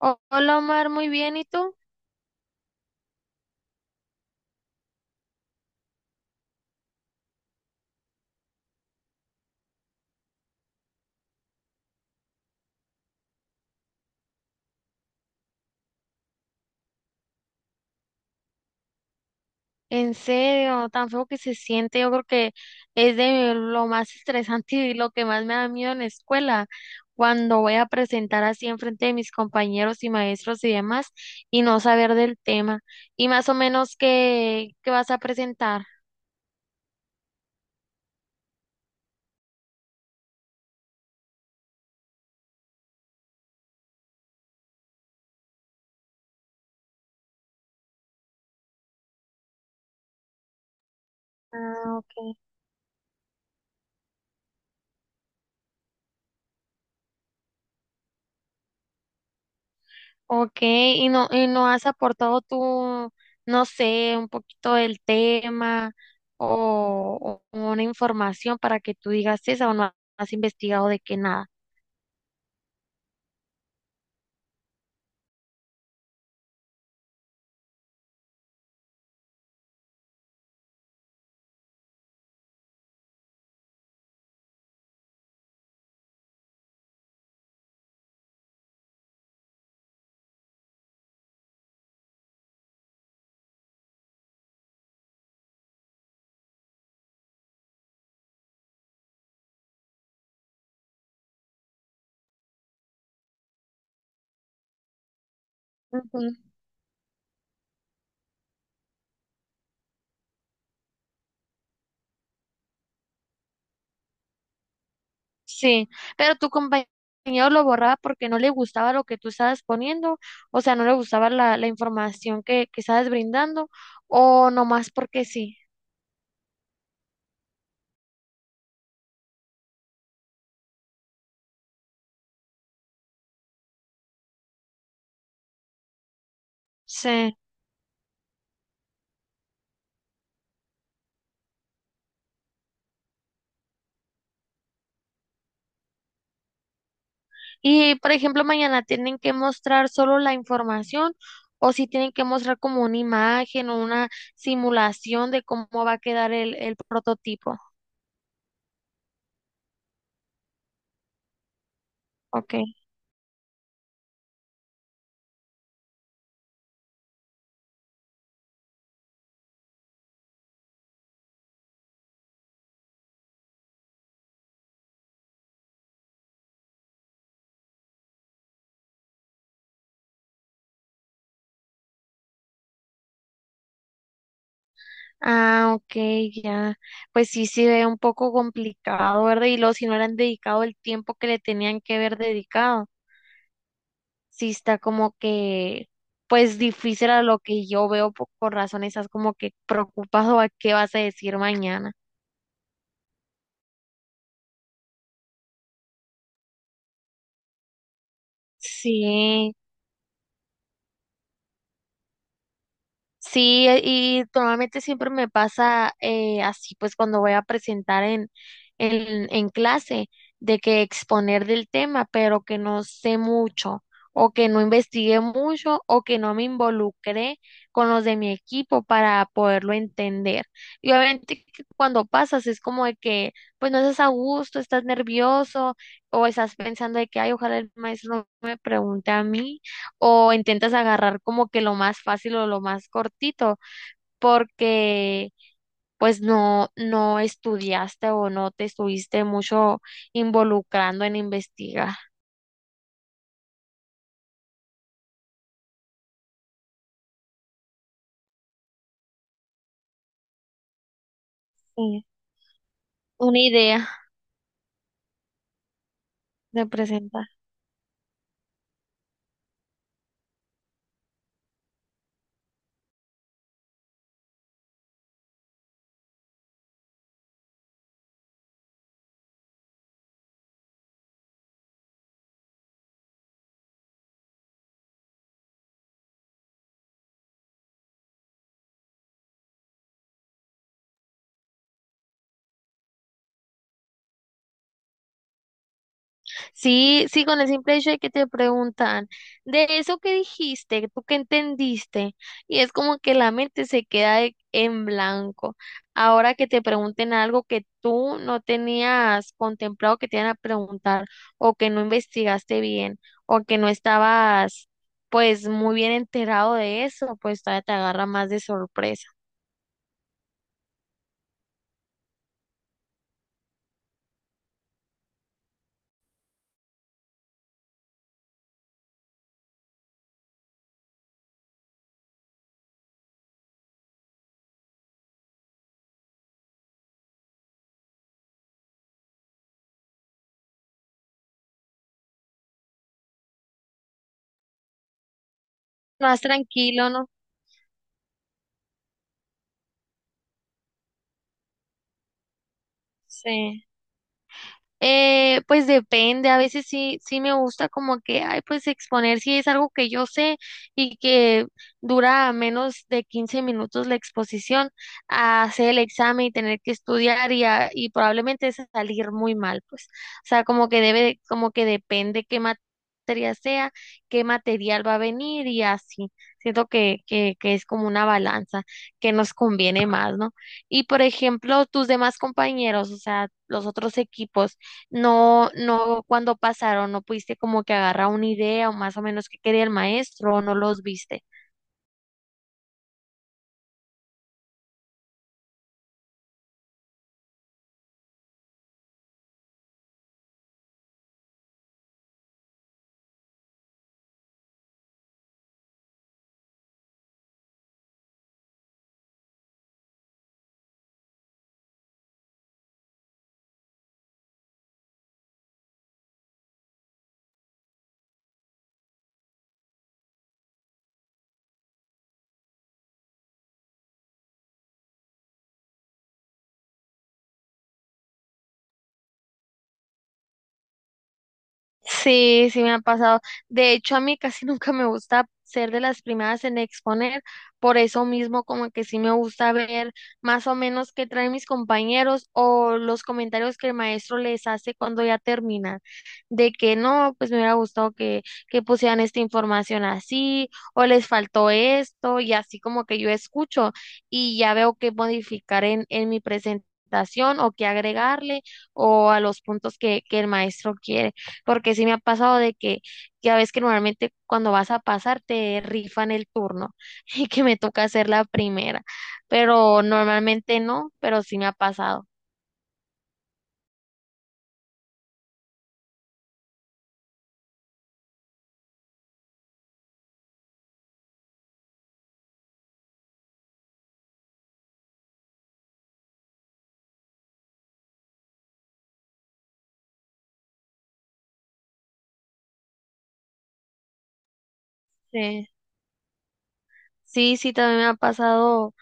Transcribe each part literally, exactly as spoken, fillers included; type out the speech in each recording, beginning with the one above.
Ho- Hola Omar, muy bien, ¿y tú? En serio, tan feo que se siente, yo creo que es de lo más estresante y lo que más me da miedo en la escuela, cuando voy a presentar así en frente de mis compañeros y maestros y demás y no saber del tema. Y más o menos qué, qué vas a presentar. Ah, ok. Ok, y no, y no has aportado tú, no sé, un poquito del tema o, o una información para que tú digas "Sí, esa o no has investigado de que nada". Ujú. Sí, pero tu compañero lo borraba porque no le gustaba lo que tú estabas poniendo, o sea, no le gustaba la, la información que, que estabas brindando o nomás porque sí. Sí. Y, por ejemplo, mañana tienen que mostrar solo la información o si tienen que mostrar como una imagen o una simulación de cómo va a quedar el, el prototipo. Ok. Ah, ok, ya. Pues sí, sí ve un poco complicado, ¿verdad? Y luego si no le han dedicado el tiempo que le tenían que haber dedicado, sí está como que, pues difícil a lo que yo veo po- por razones, esas como que preocupado a qué vas a decir mañana. Sí. Sí, eh, y normalmente siempre me pasa eh, así, pues cuando voy a presentar en, en, en clase, de que exponer del tema, pero que no sé mucho, o que no investigué mucho, o que no me involucré con los de mi equipo para poderlo entender. Y obviamente que cuando pasas es como de que, pues no estás a gusto, estás nervioso, o estás pensando de que, ay, ojalá el maestro no me pregunte a mí o intentas agarrar como que lo más fácil o lo más cortito, porque pues no, no estudiaste o no te estuviste mucho involucrando en investigar. Sí, una idea de presentar. Sí, sí, con el simple hecho de que te preguntan, de eso que dijiste, tú que entendiste, y es como que la mente se queda de- en blanco. Ahora que te pregunten algo que tú no tenías contemplado que te iban a preguntar, o que no investigaste bien, o que no estabas pues muy bien enterado de eso, pues todavía te agarra más de sorpresa. Más tranquilo, ¿no? Sí. Eh, pues depende, a veces sí, sí me gusta como que, ay, pues exponer si es algo que yo sé y que dura menos de quince minutos la exposición, a hacer el examen y tener que estudiar y, a- y probablemente salir muy mal, pues. O sea, como que debe, como que depende qué materia sea, qué material va a venir y así. Siento que, que, que es como una balanza que nos conviene más, ¿no? Y por ejemplo, tus demás compañeros, o sea, los otros equipos no, no cuando pasaron, no pudiste como que agarrar una idea o más o menos qué quería el maestro o no los viste. Sí, sí me ha pasado. De hecho, a mí casi nunca me gusta ser de las primeras en exponer, por eso mismo como que sí me gusta ver más o menos qué traen mis compañeros o los comentarios que el maestro les hace cuando ya termina, de que no, pues me hubiera gustado que, que pusieran esta información así o les faltó esto y así como que yo escucho y ya veo qué modificar en, en mi presentación o qué agregarle o a los puntos que, que el maestro quiere porque sí me ha pasado de que ya ves que normalmente cuando vas a pasar te rifan el turno y que me toca hacer la primera, pero normalmente no, pero sí me ha pasado. Sí, sí, sí, también me ha pasado.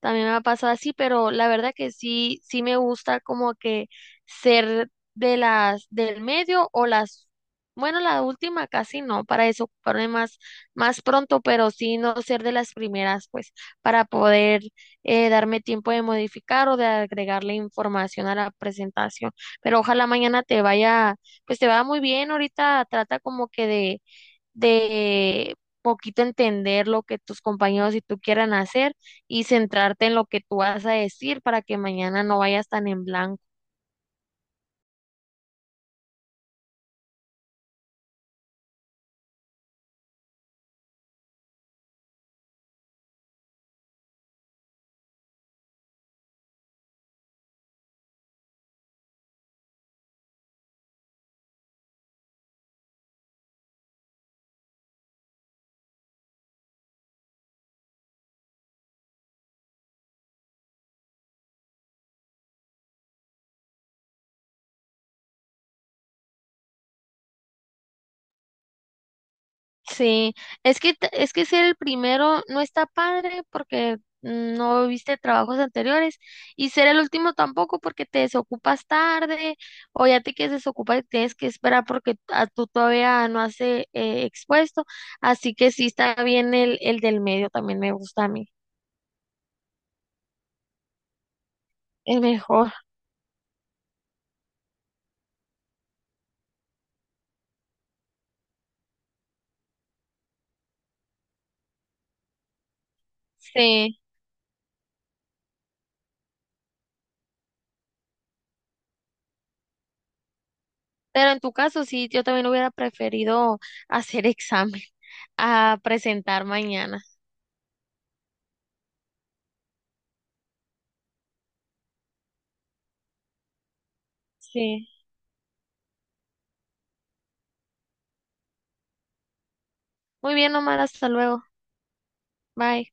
También me ha pasado así, pero la verdad que sí, sí me gusta como que ser de las del medio o las, bueno, la última casi no, para desocuparme más, más pronto, pero sí no ser de las primeras, pues, para poder eh, darme tiempo de modificar o de agregarle información a la presentación. Pero ojalá mañana te vaya, pues te va muy bien. Ahorita trata como que de de poquito entender lo que tus compañeros y tú quieran hacer y centrarte en lo que tú vas a decir para que mañana no vayas tan en blanco. Sí, es que t- es que ser el primero no está padre porque no viste trabajos anteriores y ser el último tampoco porque te desocupas tarde o ya te quieres desocupar y tienes que esperar porque a tú todavía no has eh, eh, expuesto, así que sí está bien el el del medio también me gusta a mí, es mejor. Sí. Pero en tu caso, sí, yo también hubiera preferido hacer examen a presentar mañana. Sí. Muy bien, Omar, hasta luego. Bye.